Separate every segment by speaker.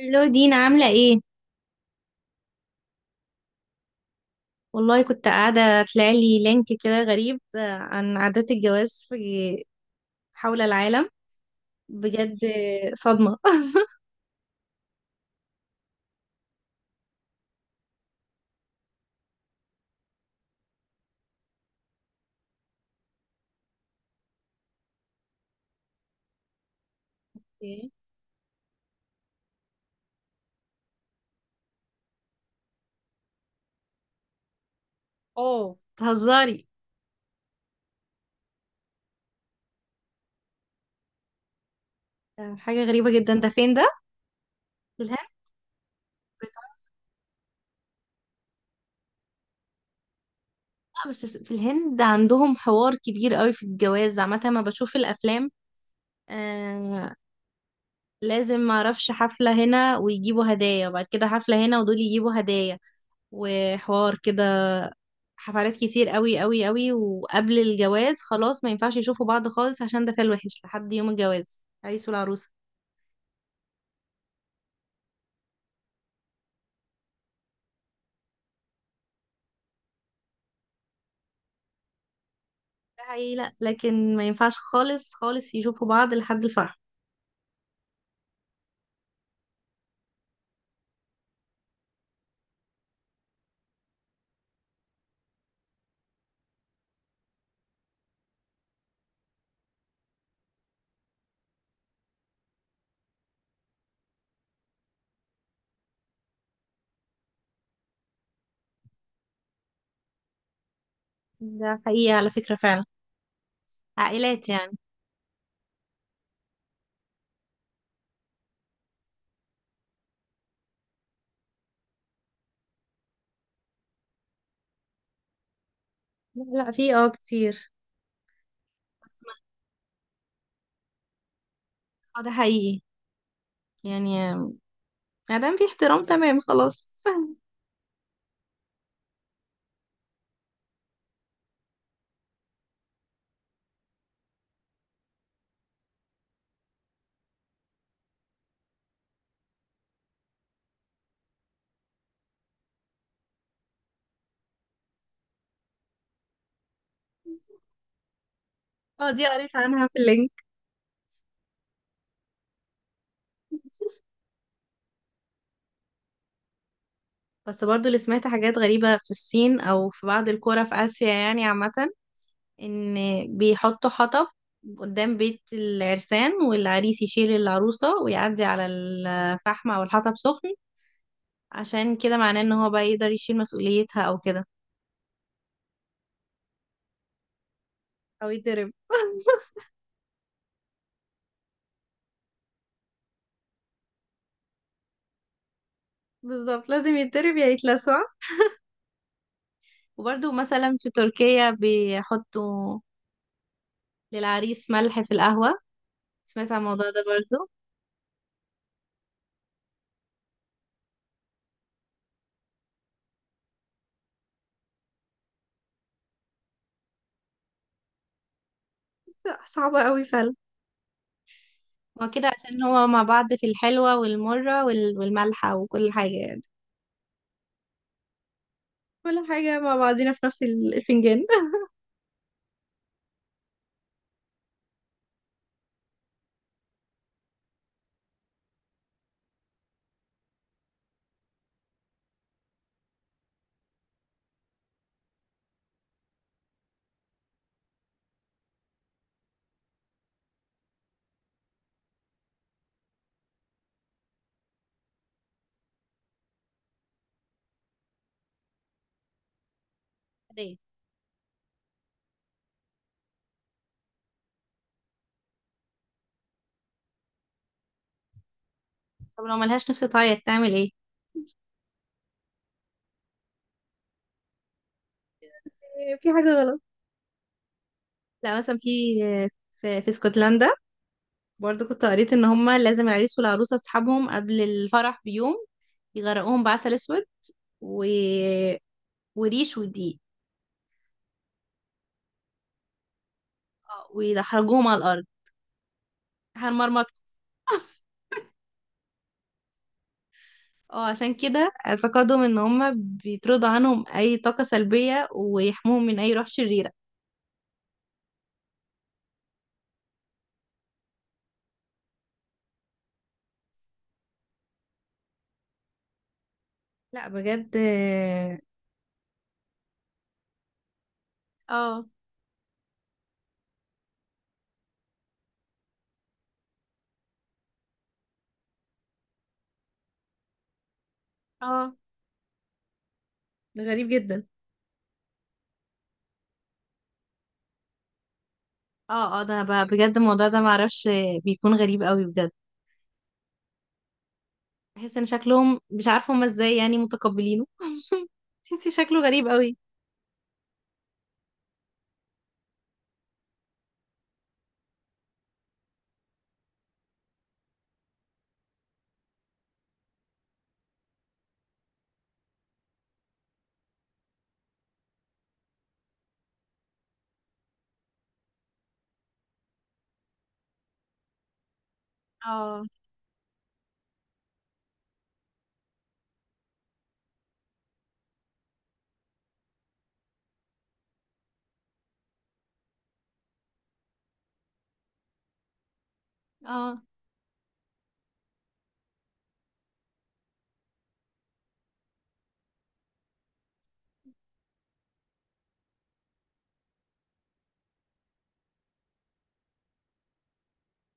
Speaker 1: الو دينا عاملة ايه؟ والله كنت قاعدة طلعلي لينك كده غريب، عن عادات الجواز حول العالم بجد. صدمة. ايه. اوه تهزري. حاجة غريبة جدا، ده فين ده؟ في الهند؟ بريطانيا؟ لا بس في الهند عندهم حوار كبير قوي في الجواز عامة ما بشوف الأفلام. آه، لازم معرفش حفلة هنا ويجيبوا هدايا وبعد كده حفلة هنا ودول يجيبوا هدايا وحوار كده. حفلات كتير قوي قوي قوي، وقبل الجواز خلاص ما ينفعش يشوفوا بعض خالص عشان ده كان وحش لحد يوم الجواز العريس والعروسة. ده حقيقي، لا لكن ما ينفعش خالص خالص يشوفوا بعض لحد الفرح. ده حقيقي على فكرة فعلا. عائلات يعني. لا لا، في كتير. بس ما- اه، ده حقيقي يعني. ما دام في احترام تمام خلاص. اه دي قريت عنها في اللينك. بس برضو اللي سمعت حاجات غريبة في الصين او في بعض القرى في اسيا يعني عامة، ان بيحطوا حطب قدام بيت العرسان، والعريس يشيل العروسة ويعدي على الفحم او الحطب سخن عشان كده معناه ان هو بقى يقدر يشيل مسؤوليتها او كده. او يتضرب. بالظبط، لازم يتضرب يا يتلسع. وبرده مثلا في تركيا بيحطوا للعريس ملح في القهوة. سمعت عن الموضوع ده برضو. لأ، صعبة قوي فعلا. هو كده عشان هو مع بعض في الحلوة والمرة والملحة وكل حاجة يعني. كل حاجة مع بعضينا في نفس الفنجان. طب لو ملهاش نفس تعيط تعمل ايه؟ إيه، في حاجة غلط. لا مثلا في في اسكتلندا برضو كنت قريت ان هما لازم العريس والعروسه اصحابهم قبل الفرح بيوم يغرقوهم بعسل اسود و... وريش ودقيق، ويدحرجوهم على الارض. هنمرمط. اه عشان كده اعتقادهم ان هما بيطردوا عنهم اي طاقه سلبيه ويحموهم من اي روح شريره. لا بجد، اه اه، آه، غريب جدا. اه اه ده بجد الموضوع ده معرفش. بيكون غريب قوي بجد. بحس ان شكلهم، مش عارفه هما ازاي يعني متقبلينه. تحسي شكله غريب قوي. اه اه،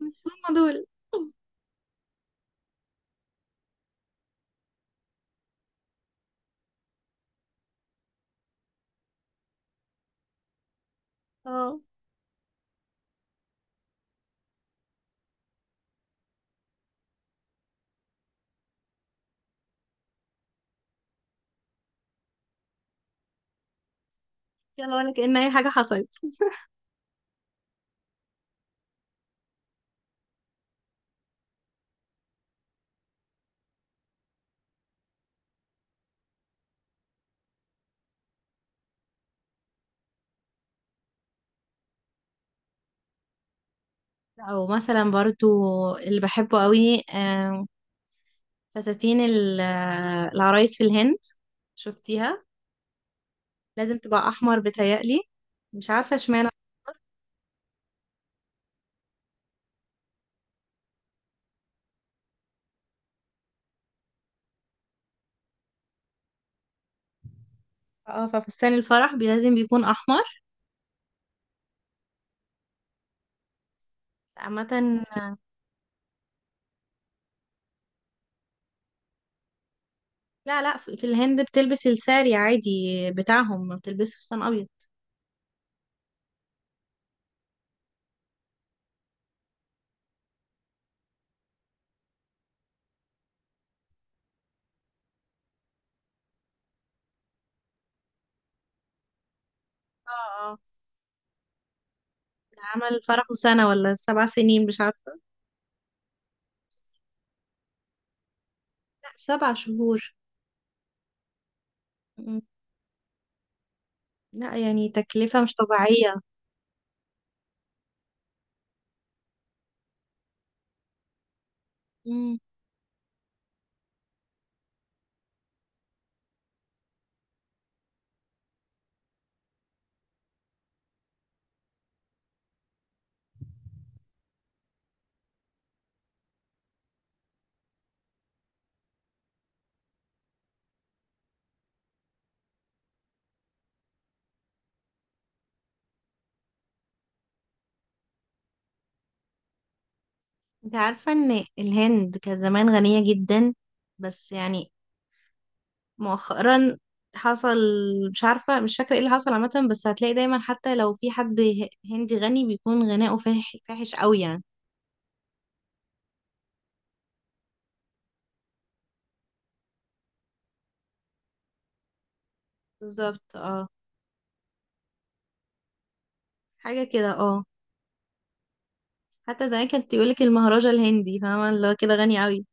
Speaker 1: مش هما دول. اه، يلا ولا كأن اي حاجه حصلت. او مثلا برضو اللي بحبه قوي، فساتين العرايس في الهند. شفتيها لازم تبقى احمر بتهيألي. مش عارفه اشمعنى. اه، ففستان الفرح لازم بيكون احمر عامه. لا لا، في الهند بتلبس الساري عادي بتاعهم، ما بتلبسش فستان ابيض. اه اه، عمل فرحه سنة ولا سبع سنين مش عارفة. لا سبع شهور. مم. لا يعني تكلفة مش طبيعية. مم. انت عارفة ان الهند كان زمان غنية جدا، بس يعني مؤخرا حصل، مش عارفة مش فاكرة ايه اللي حصل عامة، بس هتلاقي دايما حتى لو في حد هندي غني بيكون غناؤه فاحش قوي يعني. بالظبط اه. حاجة كده اه. حتى زمان كانت تقولك المهرجة الهندي فاهمة، اللي هو كده غني قوي.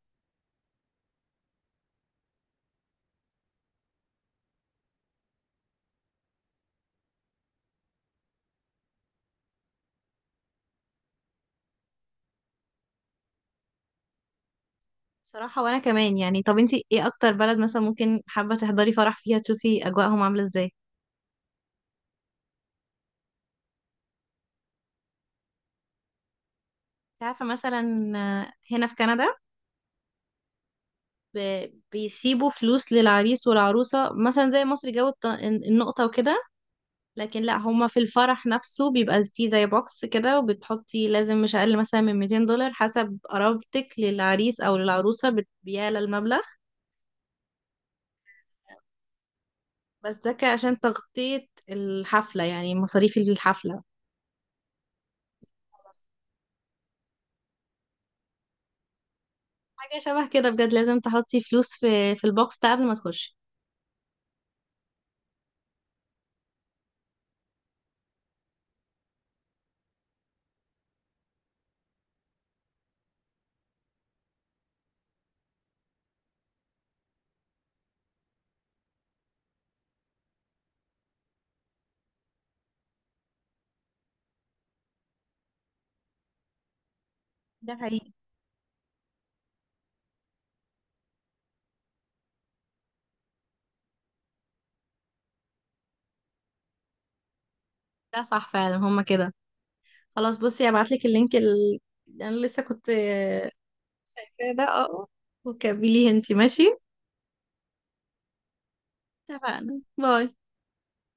Speaker 1: صراحة وانا كمان يعني. طب انتي ايه اكتر بلد مثلا ممكن حابة تحضري فرح فيها تشوفي اجواءهم عاملة ازاي؟ انت عارفة مثلا، هنا في كندا بيسيبوا فلوس للعريس والعروسة مثلا زي مصر جو النقطة وكده. لكن لا، هما في الفرح نفسه بيبقى فيه زي بوكس كده، وبتحطي لازم مش اقل مثلا من $200، حسب قرابتك للعريس او للعروسة بيعلى المبلغ. بس ده كان عشان تغطية الحفلة، يعني مصاريف الحفلة. حاجة شبه كده بجد، لازم تحطي فلوس في البوكس ده قبل ما تخشي. ده حقيقي. ده صح فعلا، هما كده. خلاص بصي هبعتلك اللينك انا لسه كنت شايفاه ده. اه وكمليه انتي ماشي. اتفقنا، باي.